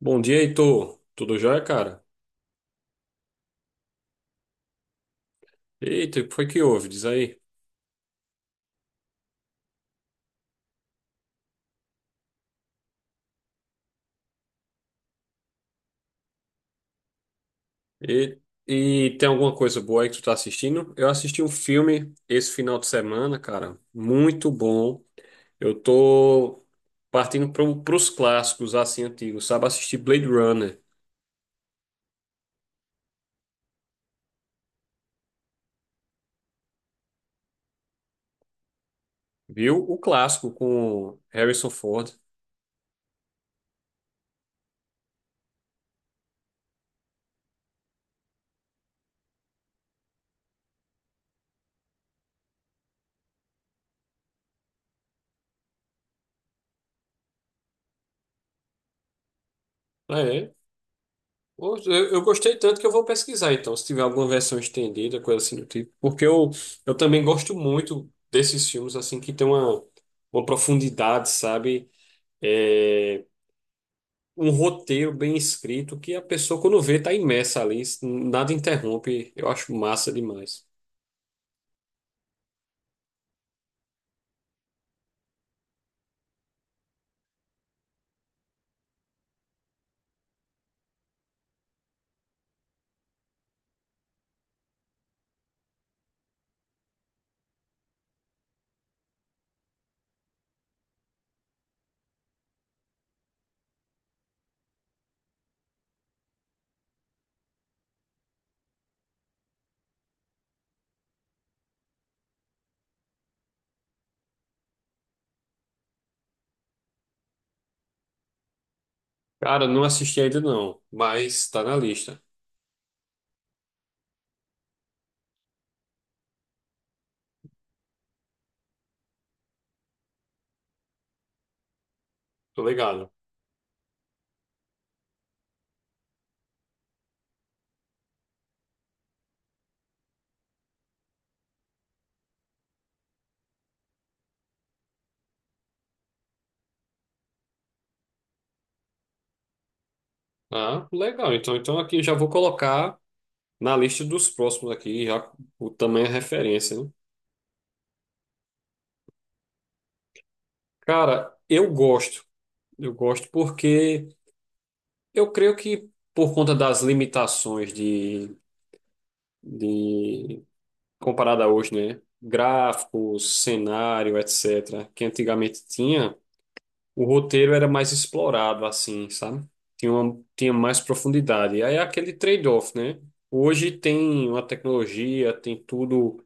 Bom dia, Heitor. Tudo jóia, cara? Eita, o que foi que houve? Diz aí. E, e tem alguma coisa boa aí que tu tá assistindo? Eu assisti um filme esse final de semana, cara. Muito bom. Eu tô partindo pros clássicos, assim, antigos. Sabe, assisti Blade Runner. Viu? O clássico com Harrison Ford. É, Poxa, eu gostei tanto que eu vou pesquisar, então, se tiver alguma versão estendida, coisa assim do tipo. Eu também gosto muito desses filmes, assim, uma profundidade, sabe? É, um roteiro bem escrito que a pessoa, quando vê, tá imersa ali, nada interrompe. Eu acho massa demais. Cara, não assisti ainda não, mas tá na lista. Tô ligado. Ah, legal. Então aqui já vou colocar na lista dos próximos aqui, já o tamanho é referência, né? Cara, eu gosto. Eu gosto porque eu creio que por conta das limitações de comparada a hoje, né? Gráficos, cenário, etc., que antigamente tinha, o roteiro era mais explorado, assim, sabe? Tinha mais profundidade. Aí é aquele trade-off, né? Hoje tem uma tecnologia, tem tudo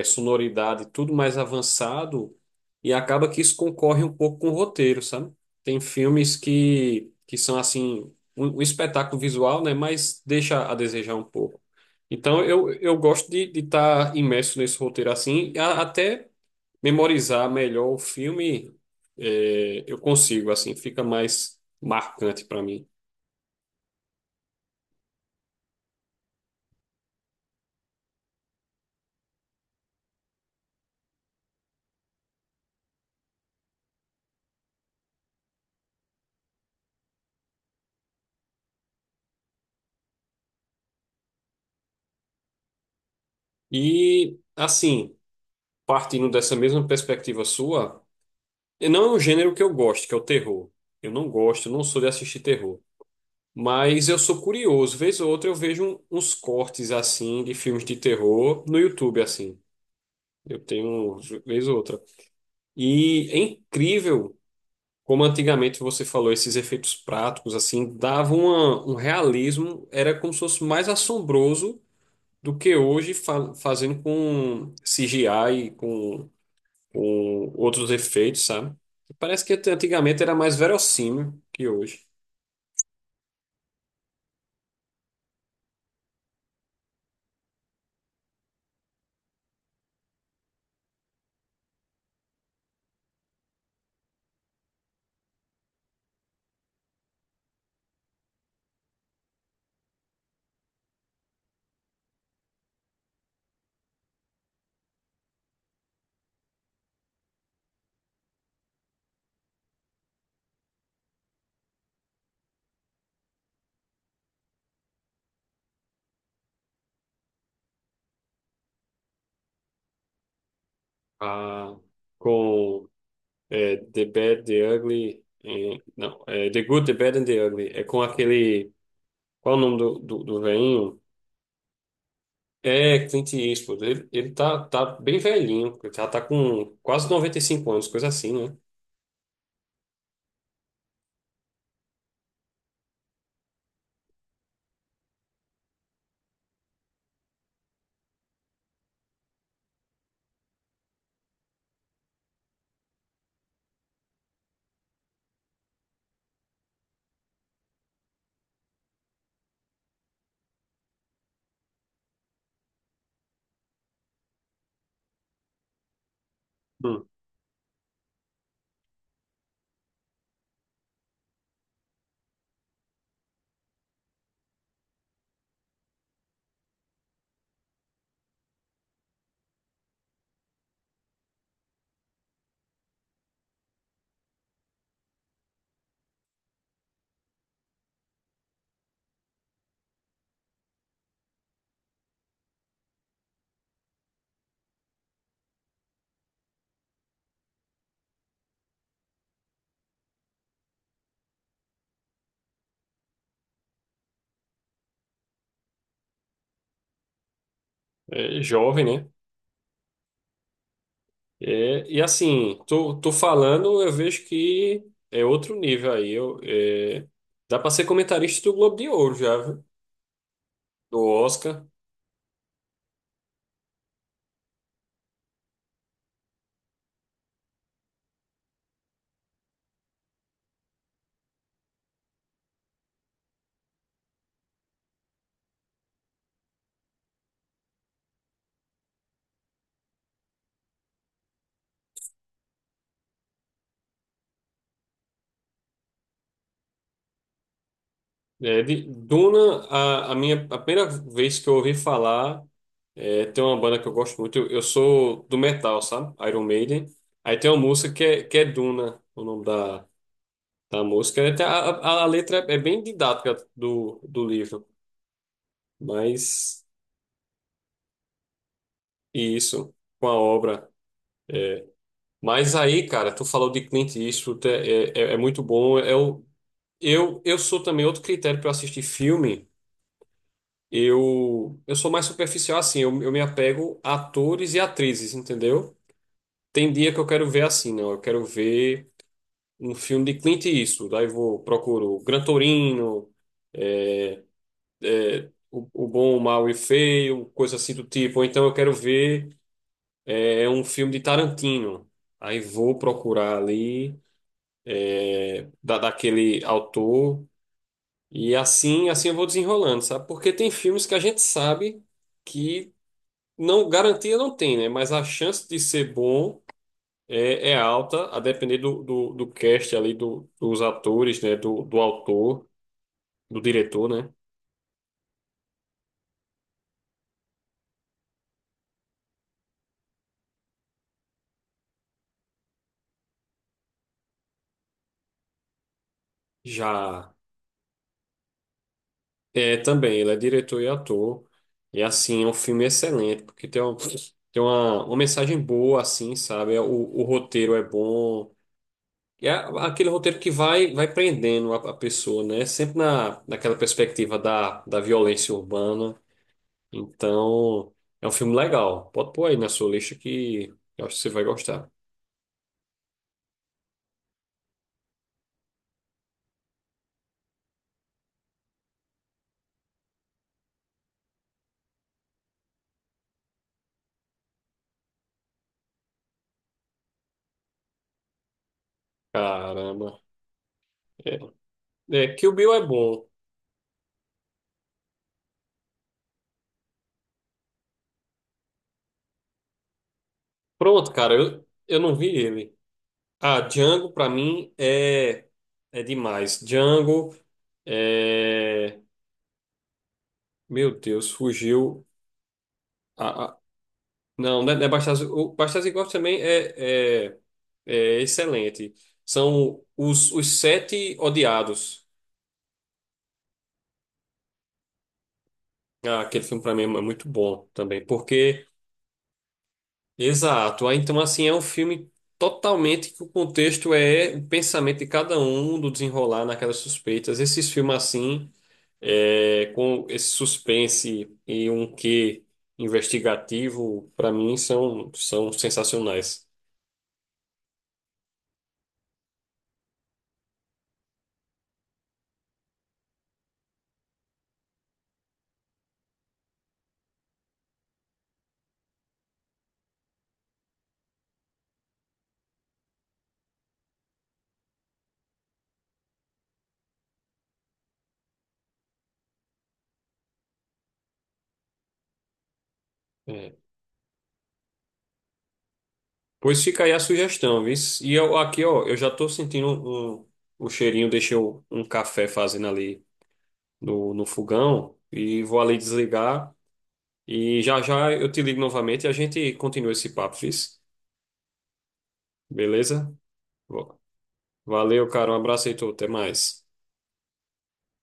é, sonoridade, tudo mais avançado, e acaba que isso concorre um pouco com o roteiro, sabe? Tem filmes que são assim, um espetáculo visual, né? Mas deixa a desejar um pouco. Então eu gosto de estar imerso nesse roteiro assim, até memorizar melhor o filme, eu consigo, assim, fica mais marcante para mim. E assim, partindo dessa mesma perspectiva sua. E não é um gênero que eu gosto, que é o terror. Eu não gosto, não sou de assistir terror. Mas eu sou curioso, vez ou outra eu vejo uns cortes assim de filmes de terror no YouTube assim. Eu tenho vez ou outra. E é incrível como antigamente você falou esses efeitos práticos assim, davam um realismo, era como se fosse mais assombroso do que hoje fazendo com CGI e com ou outros efeitos, sabe? Parece que antigamente era mais verossímil que hoje. Ah, com The Bad, The Ugly. Não, é The Good, The Bad and The Ugly. É com aquele. Qual o nome do velhinho? É Clint Eastwood. Ele tá bem velhinho. Ele tá com quase 95 anos, coisa assim, né? Hum. É jovem, né? É, e assim, tô falando, eu vejo que é outro nível aí. Dá pra ser comentarista do Globo de Ouro já, viu? Do Oscar. É, de Duna, a minha a primeira vez que eu ouvi falar, tem uma banda que eu gosto muito. Eu sou do metal, sabe? Iron Maiden. Aí tem uma música que é Duna, o nome da, da música. Até a letra é bem didática do livro, mas e isso, com a obra. é, Mas aí, cara, tu falou de Clint Eastwood, é muito bom. Eu sou também outro critério para assistir filme. Eu sou mais superficial assim, eu me apego a atores e atrizes, entendeu? Tem dia que eu quero ver assim, não, eu quero ver um filme de Clint Eastwood, daí vou, procuro Gran Torino, é, o Bom, o Mal e o Feio, coisa assim do tipo. Ou então eu quero ver é um filme de Tarantino, aí vou procurar ali daquele autor. E assim, assim eu vou desenrolando, sabe? Porque tem filmes que a gente sabe que não garantia não tem, né? Mas a chance de ser bom é alta, a depender do cast ali, dos atores, né? Do autor, do diretor, né? Já é também, ele é diretor e ator. E assim, é um filme excelente, porque tem uma mensagem boa, assim, sabe? O roteiro é bom. E é aquele roteiro que vai, vai prendendo a pessoa, né? Sempre na, naquela perspectiva da violência urbana. Então, é um filme legal. Pode pôr aí na sua lista que eu acho que você vai gostar. Caramba. É, é, Kill Bill é bom. Pronto, cara, eu não vi ele. Ah, Django, pra mim, é demais. Django, é... Meu Deus, fugiu. Não, não é Bastardos. O Bastardos Inglórios também é excelente. São os Sete Odiados. Ah, aquele filme pra mim é muito bom também. Porque, exato. Ah, então, assim, é um filme totalmente que o contexto é o pensamento de cada um, do desenrolar naquelas suspeitas. Esses filmes assim, com esse suspense e um quê investigativo, pra mim, são sensacionais. É. Pois fica aí a sugestão, viu? E eu aqui, ó, eu já tô sentindo o cheirinho, deixei um café fazendo ali no fogão e vou ali desligar e já já eu te ligo novamente e a gente continua esse papo, viu? Beleza? Va- Valeu, cara, um abraço aí, tu, até mais.